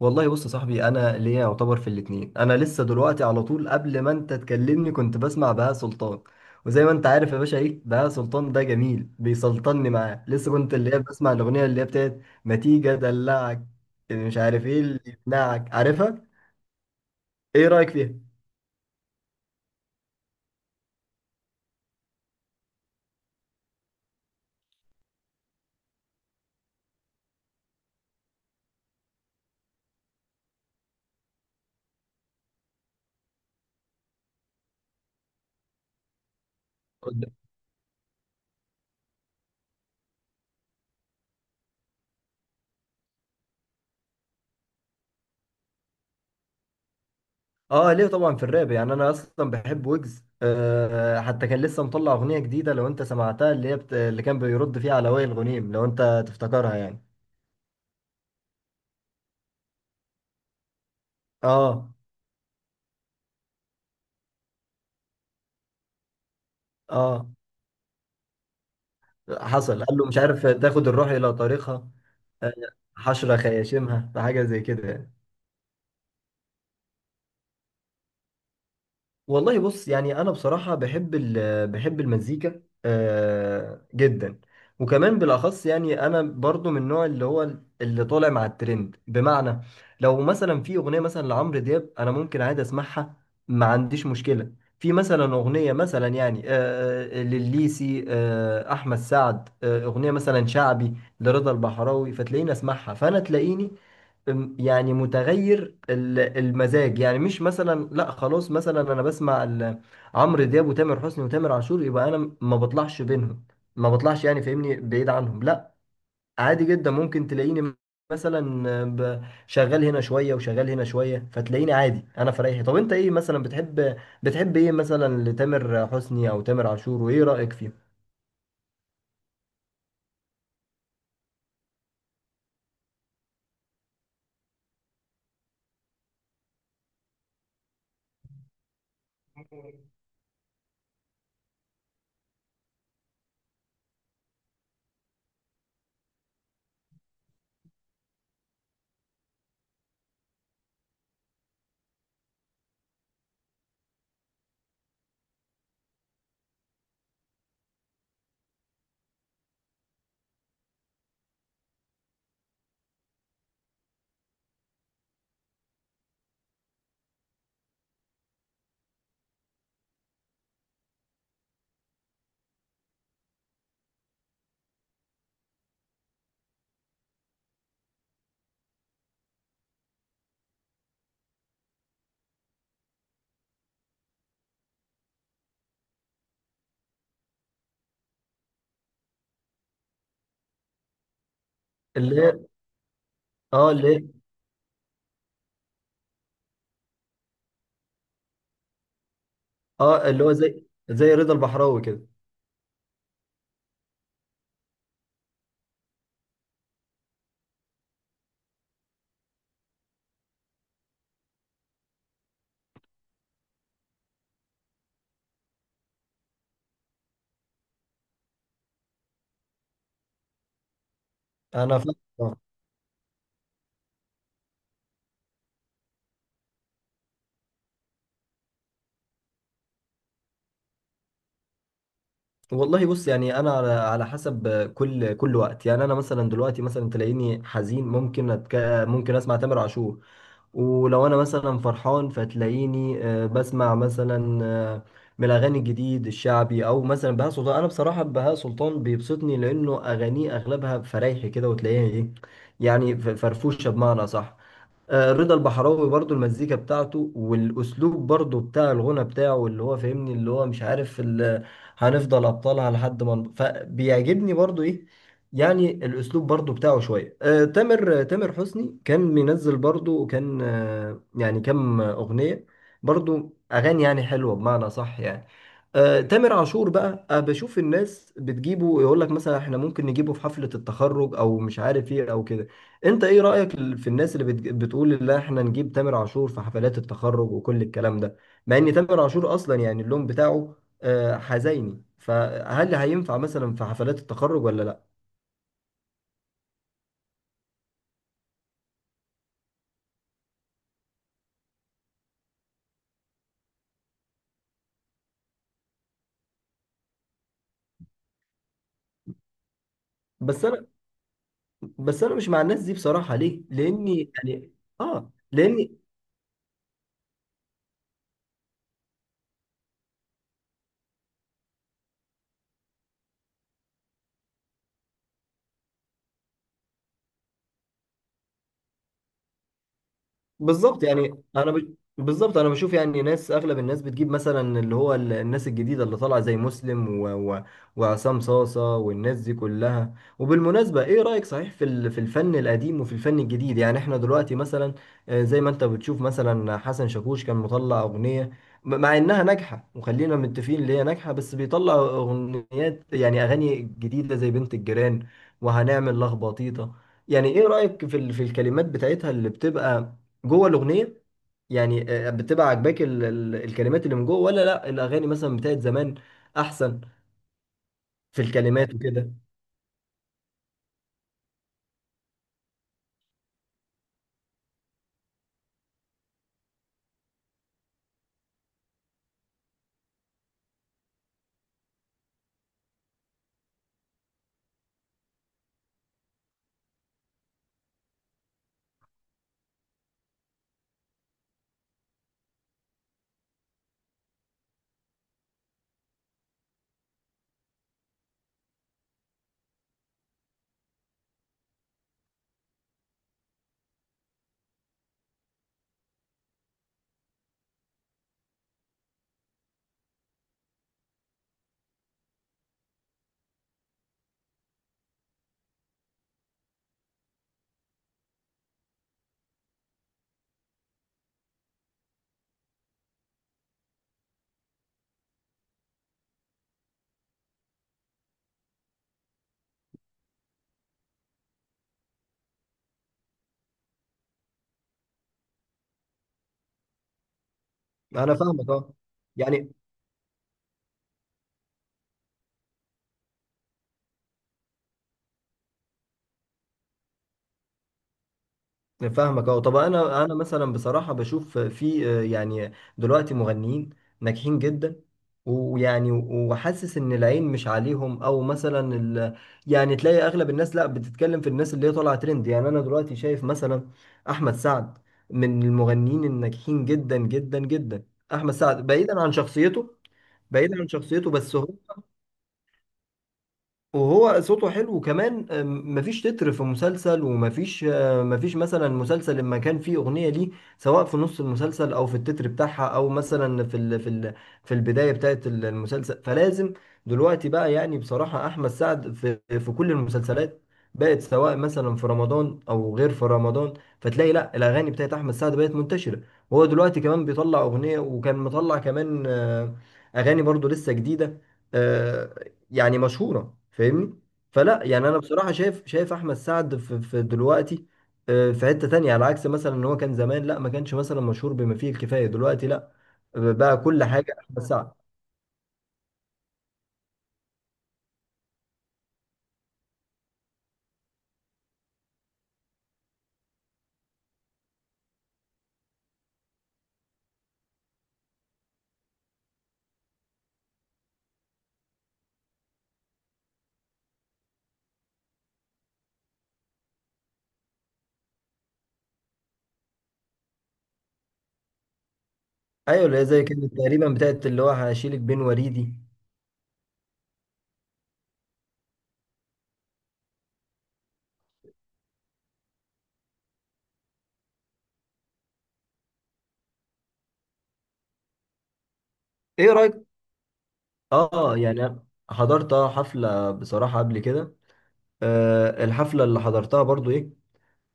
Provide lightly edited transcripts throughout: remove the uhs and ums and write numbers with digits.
والله بص يا صاحبي، انا ليا يعتبر في الاتنين. انا لسه دلوقتي على طول قبل ما انت تكلمني كنت بسمع بهاء سلطان. وزي ما انت عارف يا باشا، ايه بهاء سلطان ده جميل، بيسلطني معاه. لسه كنت اللي هي بسمع الاغنيه اللي هي بتاعت ما تيجي ادلعك، مش عارف ايه اللي يقنعك. عارفها؟ ايه رايك فيها؟ قول. اه، ليه طبعا في الراب. انا اصلا بحب ويجز، أه. حتى كان لسه مطلع اغنيه جديده، لو انت سمعتها، اللي هي اللي كان بيرد فيها على وائل غنيم، لو انت تفتكرها اه، اه، حصل قال له مش عارف تاخد الروح إلى طريقها. آه، حشرة خياشمها، فحاجة زي كده. والله بص، انا بصراحه بحب بحب المزيكا جدا. وكمان بالاخص، انا برضو من النوع اللي هو اللي طالع مع الترند. بمعنى، لو مثلا في اغنيه مثلا لعمرو دياب، انا ممكن عادي اسمعها، ما عنديش مشكله. في مثلا اغنيه مثلا لليسي، احمد سعد، اغنيه مثلا شعبي لرضا البحراوي، فتلاقيني اسمعها. فانا تلاقيني متغير المزاج. مش مثلا لا خلاص مثلا انا بسمع عمرو دياب وتامر حسني وتامر عاشور، يبقى انا ما بطلعش بينهم. ما بطلعش، فاهمني، بعيد عنهم، لا. عادي جدا ممكن تلاقيني مثلا شغال هنا شوية وشغال هنا شوية. فتلاقيني عادي انا في رايحي. طب انت ايه مثلا بتحب ايه مثلا لتامر حسني او تامر عاشور، وايه رأيك فيه؟ اللي هي. اه، اللي هي. اه، اللي هو زي، زي رضا البحراوي كده. انا فاهم، آه. والله بص، انا على حسب كل وقت. انا مثلا دلوقتي مثلا تلاقيني حزين، ممكن ممكن اسمع تامر عاشور. ولو انا مثلا فرحان، فتلاقيني بسمع مثلا من الاغاني الجديد الشعبي، او مثلا بهاء سلطان. انا بصراحه بهاء سلطان بيبسطني، لانه اغانيه اغلبها فرايحي كده، وتلاقيها ايه، يعني فرفوشه بمعنى صح. رضا البحراوي برضو، المزيكا بتاعته والاسلوب برضو بتاع الغنى بتاعه، اللي هو فاهمني، اللي هو مش عارف هنفضل ابطالها لحد ما فبيعجبني برضو ايه، يعني الاسلوب برضو بتاعه شويه. تامر حسني كان منزل برضو كان يعني كم اغنيه، برضو اغاني يعني حلوه بمعنى صح يعني. تامر عاشور بقى، بشوف الناس بتجيبه يقول لك مثلا احنا ممكن نجيبه في حفله التخرج، او مش عارف ايه او كده. انت ايه رأيك في الناس اللي بتقول ان احنا نجيب تامر عاشور في حفلات التخرج وكل الكلام ده؟ مع ان تامر عاشور اصلا يعني اللون بتاعه حزيني، فهل هينفع مثلا في حفلات التخرج ولا لا؟ بس انا بس انا مش مع الناس دي بصراحة. ليه؟ لاني يعني، اه، لان، بالظبط. انا بالظبط انا بشوف يعني ناس، اغلب الناس بتجيب مثلا اللي هو الناس الجديده اللي طالعه زي مسلم وعصام صاصه والناس دي كلها. وبالمناسبه، ايه رايك صحيح في في الفن القديم وفي الفن الجديد؟ يعني احنا دلوقتي مثلا، زي ما انت بتشوف مثلا حسن شاكوش كان مطلع اغنيه، مع انها ناجحه وخلينا متفقين ان هي ناجحه، بس بيطلع اغنيات يعني اغاني جديده زي بنت الجيران وهنعمل لخبطيطه. يعني ايه رايك في في الكلمات بتاعتها اللي بتبقى جوه الاغنيه؟ يعني بتبقى عاجباك الكلمات اللي من جوه، ولا لا الاغاني مثلا بتاعت زمان احسن في الكلمات وكده؟ انا فاهمك، اه، يعني فاهمك، اه. طب انا، انا مثلا بصراحه بشوف في دلوقتي مغنيين ناجحين جدا. ويعني وحاسس ان العين مش عليهم، او مثلا يعني تلاقي اغلب الناس لا بتتكلم في الناس اللي هي طالعه ترند. يعني انا دلوقتي شايف مثلا احمد سعد من المغنيين الناجحين جدا جدا جدا. احمد سعد بعيدا عن شخصيته، بعيدا عن شخصيته، بس هو، وهو صوته حلو. وكمان مفيش تتر في مسلسل، ومفيش مفيش مثلا مسلسل لما كان فيه أغنية ليه، سواء في نص المسلسل أو في التتر بتاعها، أو مثلا في البداية بتاعت المسلسل، فلازم. دلوقتي بقى يعني بصراحة أحمد سعد في كل المسلسلات بقت، سواء مثلا في رمضان أو غير في رمضان. فتلاقي لا الأغاني بتاعت أحمد سعد بقت منتشرة. وهو دلوقتي كمان بيطلع أغنية، وكان مطلع كمان أغاني برضو لسه جديدة، آه، يعني مشهورة، فاهمني. فلا يعني انا اه بصراحة شايف احمد سعد في, في دلوقتي في حتة تانية، على عكس مثلا ان هو كان زمان لا، ما كانش مثلا مشهور بما فيه الكفاية. دلوقتي لا، بقى كل لا حاجة احمد سعد. ايوه اللي هي زي، كانت تقريبا بتاعت اللي هو هشيلك بين وريدي. ايه رأيك؟ اه، يعني أنا حضرت حفلة بصراحة قبل كده. الحفلة اللي حضرتها برضو ايه،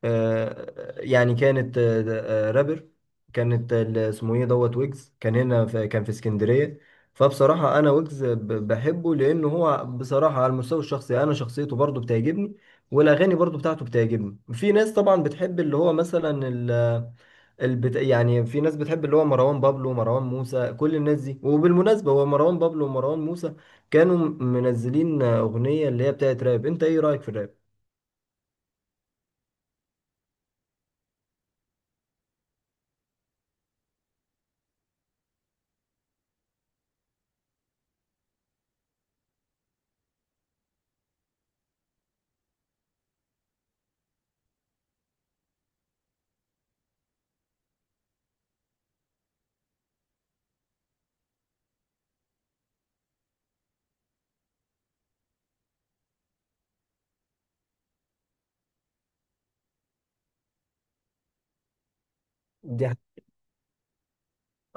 كانت رابر. كانت اسمه ايه دوت ويجز. كان هنا، في، كان في اسكندرية. فبصراحة انا ويجز بحبه، لان هو بصراحة على المستوى الشخصي انا شخصيته برضو بتعجبني، والاغاني برضو بتاعته بتعجبني. في ناس طبعا بتحب اللي هو مثلا يعني في ناس بتحب اللي هو مروان بابلو ومروان موسى، كل الناس دي. وبالمناسبة هو مروان بابلو ومروان موسى كانوا منزلين أغنية اللي هي بتاعت راب. انت ايه رأيك في الراب؟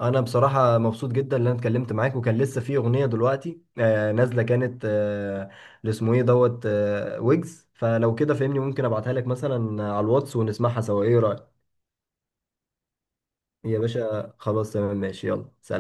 انا بصراحه مبسوط جدا ان انا اتكلمت معاك. وكان لسه في اغنيه دلوقتي نازله كانت اللي اسمه ايه دوت ويجز. فلو كده فهمني، ممكن ابعتها لك مثلا على الواتس ونسمعها سوا، ايه رايك؟ يا باشا خلاص، تمام، ماشي، يلا سلام.